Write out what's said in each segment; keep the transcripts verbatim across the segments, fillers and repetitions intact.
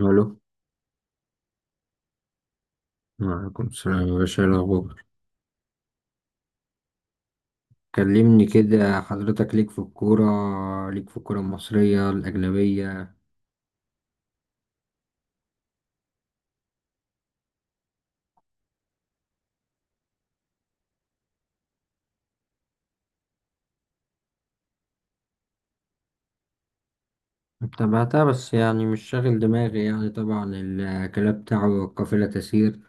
الو. وعليكم السلام يا باشا، إيه الأخبار؟ كلمني كده حضرتك، ليك في الكورة؟ ليك في الكورة المصرية الأجنبية؟ تابعتها بس يعني مش شاغل دماغي، يعني طبعا الكلام بتاعه قافلة تسير.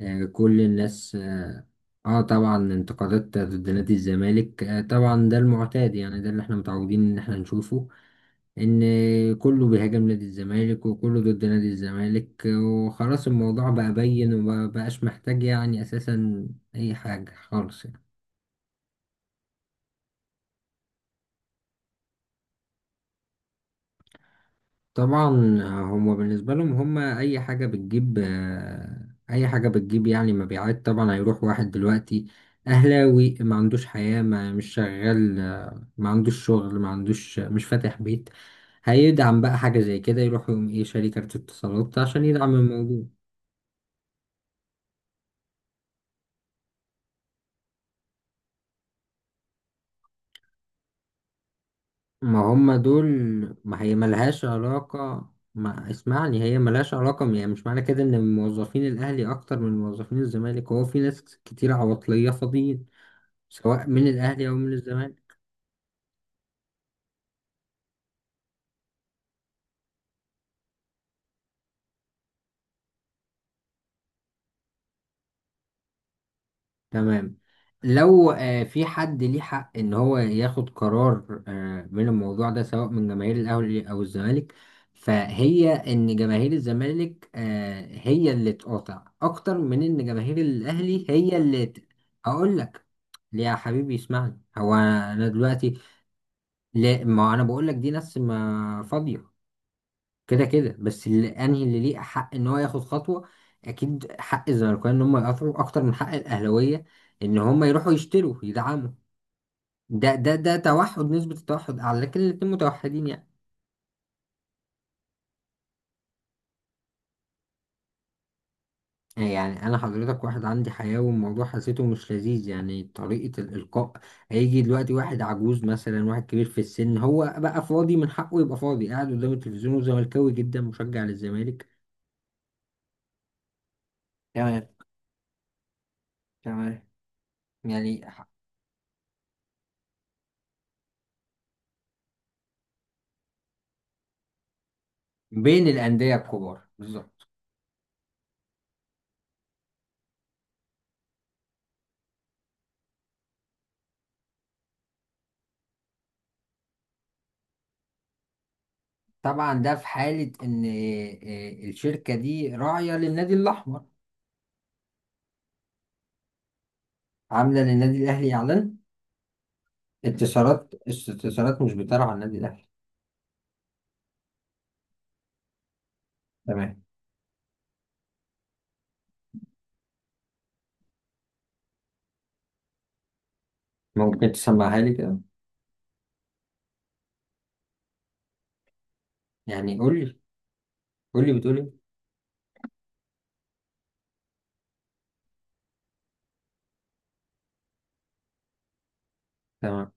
آه، كل الناس اه آه، طبعا انتقادات ضد نادي الزمالك، آه، طبعا ده المعتاد، يعني ده اللي احنا متعودين ان احنا نشوفه. ان كله بيهاجم نادي الزمالك، وكله ضد نادي الزمالك، وخلاص الموضوع بقى بين ومبقاش محتاج يعني اساسا اي حاجة خالص يعني. طبعا هما بالنسبة لهم هما اي حاجة بتجيب، آه، اي حاجة بتجيب يعني مبيعات. طبعا هيروح واحد دلوقتي اهلاوي ما عندوش حياة، ما مش شغال، آه، ما عندوش شغل، ما عندوش، مش فاتح بيت، هيدعم بقى حاجة زي كده، يروح يقوم ايه شاري كارت اتصالات عشان يدعم الموضوع. ما هم دول. ما هي ملهاش علاقة. ما اسمعني، هي ملهاش علاقة. يعني مش معنى كده ان موظفين الاهلي اكتر من موظفين الزمالك، هو في ناس كتير عواطلية فاضيين سواء من الاهلي او من الزمالك. تمام. لو آه، في حد ليه حق ان هو ياخد قرار آه، من الموضوع ده سواء من جماهير الاهلي او الزمالك، فهي ان جماهير الزمالك آه، هي اللي تقاطع اكتر من ان جماهير الاهلي هي اللي ت- اقول لك. ليه يا حبيبي؟ اسمعني، هو انا دلوقتي، لا ما انا بقول لك دي ناس ما فاضية، كده كده. بس اللي انهي اللي ليه حق ان هو ياخد خطوه، اكيد حق الزمالكاويه ان هم يقاطعوا اكتر من حق الاهلاويه ان هم يروحوا يشتروا يدعموا. ده ده ده توحد، نسبه التوحد اعلى، لكن الاتنين متوحدين يعني. يعني انا حضرتك واحد عندي حياه والموضوع حسيته مش لذيذ، يعني طريقه الالقاء. هيجي دلوقتي واحد عجوز مثلا، واحد كبير في السن، هو بقى فاضي، من حقه يبقى فاضي قاعد قدام التلفزيون وزملكاوي جدا، مشجع للزمالك. تمام، تمام. يعني ح- بين الانديه الكبار بالظبط. طبعا ده في حالة إن آه، الشركة دي راعية للنادي الأحمر. عاملة للنادي الأهلي إعلان. اتصالات استثمارات مش بترعى النادي الأهلي؟ تمام. ممكن تسمعها لي كده؟ يعني قول لي، قول لي بتقول إيه. تمام،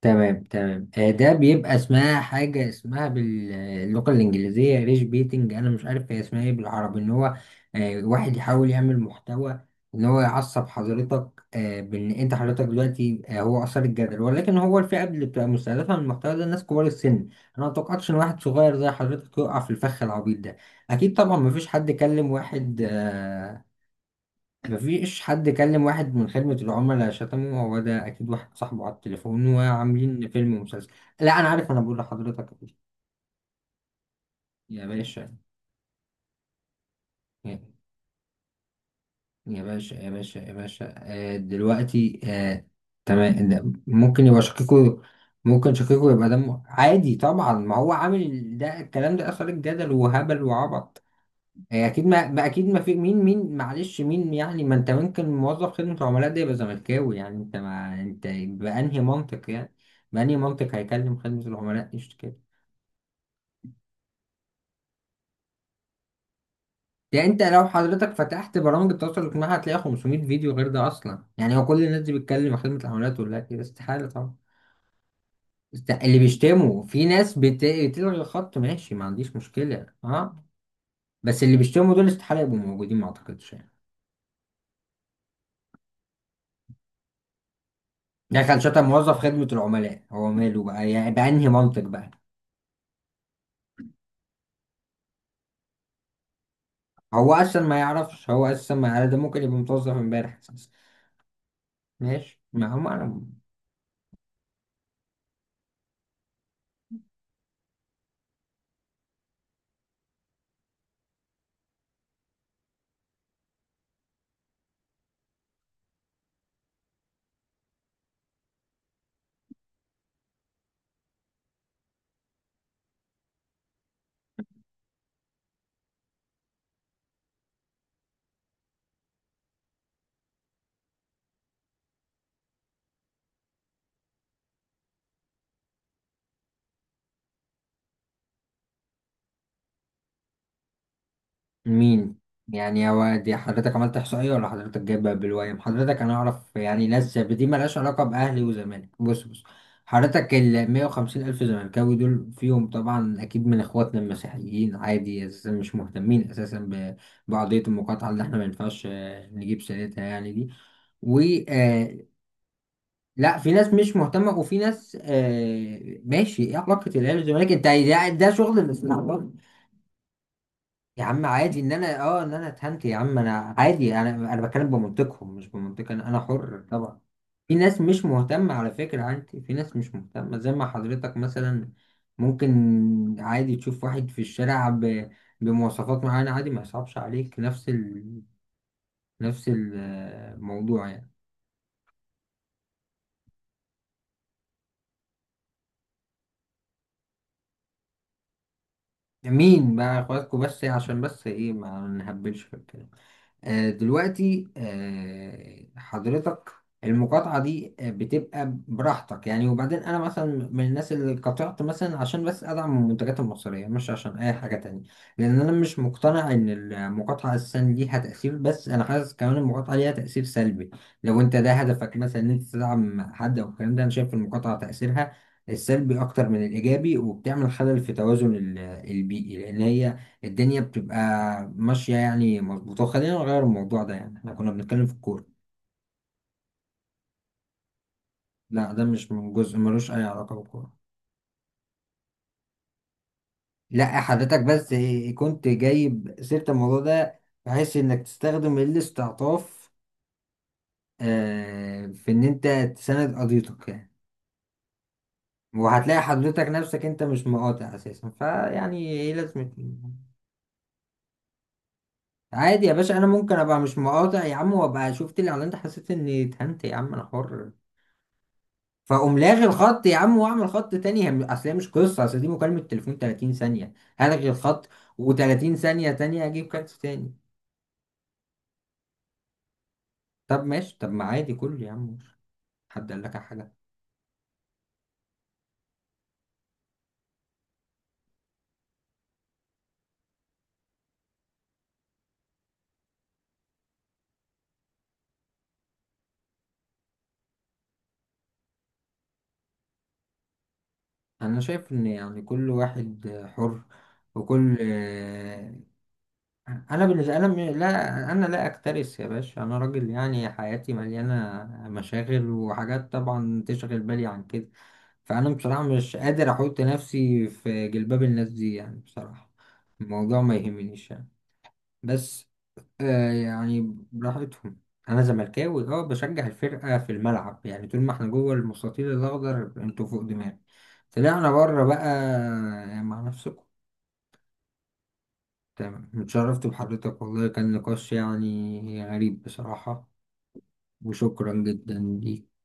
تمام، تمام. آه، ده بيبقى اسمها حاجة اسمها باللغة الإنجليزية ريش بيتنج، أنا مش عارف هي اسمها إيه بالعربي. إن هو آه، واحد يحاول يعمل محتوى، إن هو يعصب حضرتك آه، بإن أنت حضرتك دلوقتي، آه، هو أثار الجدل، ولكن هو الفئة اللي بتبقى مستهدفة من المحتوى ده الناس كبار السن. أنا ما أتوقعتش إن واحد صغير زي حضرتك يقع في الفخ العبيط ده. أكيد طبعا مفيش حد كلم واحد آه، مفيش حد كلم واحد من خدمة العملاء شتمه، هو ده أكيد واحد صاحبه على التليفون وعاملين فيلم ومسلسل. لا أنا عارف، أنا بقول لحضرتك إيه. يا باشا، يا، يا باشا يا باشا يا باشا، آه دلوقتي آه. تمام، ده ممكن يبقى شقيقه. ممكن شقيقه يبقى دمه عادي، طبعا ما هو عامل ده، الكلام ده أثار الجدل وهبل وعبط. هي اكيد ما, ما اكيد، ما في مين مين معلش، مين يعني؟ ما انت ممكن موظف خدمة عملاء ده يبقى زملكاوي. يعني انت ما انت بأنهي منطق يعني؟ بأنهي منطق هيكلم خدمة العملاء يشتكي كده؟ يعني انت لو حضرتك فتحت برامج التواصل الاجتماعي هتلاقي خمسمية فيديو غير ده اصلا. يعني هو كل الناس دي بتكلم خدمة العملاء تقول لك كده؟ استحالة طبعا. است- اللي بيشتموا، في ناس بت- بتلغي الخط، ماشي، ما عنديش مشكلة اه. بس اللي بيشتموا دول استحالة يبقوا موجودين، ما اعتقدش يعني. دخل شتم موظف خدمة العملاء، هو ماله بقى يعني؟ بأنهي منطق بقى؟ هو اصلا ما يعرفش، هو اصلا ما يعرف، ده ممكن يبقى متوظف امبارح اساسا. ماشي، ما هم انا. مين؟ يعني هو دي حضرتك عملت احصائيه ولا حضرتك جايبها بالويم؟ حضرتك انا اعرف يعني ناس زي- دي مالهاش علاقه باهلي وزمالك. بص، بص حضرتك، ال مئة وخمسين الف زملكاوي دول فيهم طبعا اكيد من اخواتنا المسيحيين، عادي، اساسا مش مهتمين اساسا ب- بقضيه المقاطعه، اللي احنا ما ينفعش آه، نجيب سيرتها يعني دي. لا في ناس مش مهتمه، وفي ناس آه ماشي، ايه علاقه الاهلي والزمالك؟ انت ده, ده شغل الاستعباط. يا عم عادي ان انا اه ان انا اتهنت، يا عم انا عادي، انا انا بتكلم بمنطقهم مش بمنطق انا، انا حر طبعا. في ناس مش مهتمه على فكره، عادي، في ناس مش مهتمه زي ما حضرتك مثلا ممكن عادي تشوف واحد في الشارع ب... بمواصفات معينه عادي ما يصعبش عليك، نفس ال... نفس الموضوع يعني. مين بقى اخواتكم؟ بس عشان بس ايه، ما نهبلش في الكلام. آه، دلوقتي آه، حضرتك، المقاطعة دي آه، بتبقى براحتك يعني. وبعدين أنا مثلا من الناس اللي قطعت، مثلا عشان بس أدعم المنتجات المصرية، مش عشان أي حاجة تانية. لأن أنا مش مقتنع إن المقاطعة أساسا ليها تأثير، بس أنا حاسس كمان المقاطعة ليها تأثير سلبي. لو أنت ده هدفك مثلا إن أنت تدعم حد أو الكلام ده، أنا شايف المقاطعة تأثيرها السلبي أكتر من الإيجابي، وبتعمل خلل في توازن ال- البيئي، لأن هي الدنيا بتبقى ماشية يعني مظبوطة. خلينا نغير الموضوع ده يعني، احنا كنا بنتكلم في الكورة. لا ده مش من جزء، ملوش أي علاقة بالكورة. لا حضرتك بس إيه، كنت جايب سيرة الموضوع ده بحيث إنك تستخدم الاستعطاف آه، في إن أنت تساند قضيتك يعني. وهتلاقي حضرتك نفسك أنت مش مقاطع أساسا، فيعني إيه لازمة؟ عادي يا باشا، أنا ممكن أبقى مش مقاطع يا عم، وأبقى شفت الإعلان ده حسيت إني اتهنت يا عم، أنا حر. فاقوم لاغي الخط يا عم واعمل خط تاني، هم- اصل هي مش قصه، اصل دي مكالمه تليفون تلاتين ثانيه. هلغي الخط وتلاتين ثانية تانية اجيب كارت تاني. طب ماشي، طب ما عادي كله يا عم، مش حد قال لك على حاجه. انا شايف ان يعني كل واحد حر، وكل انا بالنسبه انا م- لا انا لا اكترث يا باشا، انا راجل يعني حياتي مليانه مشاغل وحاجات طبعا تشغل بالي عن كده. فانا بصراحه مش قادر احط نفسي في جلباب الناس دي، يعني بصراحه الموضوع ما يهمنيش يعني. بس آه يعني براحتهم. انا زملكاوي اه، بشجع الفرقه في الملعب، يعني طول ما احنا جوه المستطيل الاخضر انتوا فوق دماغي. طلعنا بره بقى، مع نفسكم. تمام، اتشرفت بحضرتك والله، كان نقاش يعني غريب بصراحة. وشكرا جدا ليك.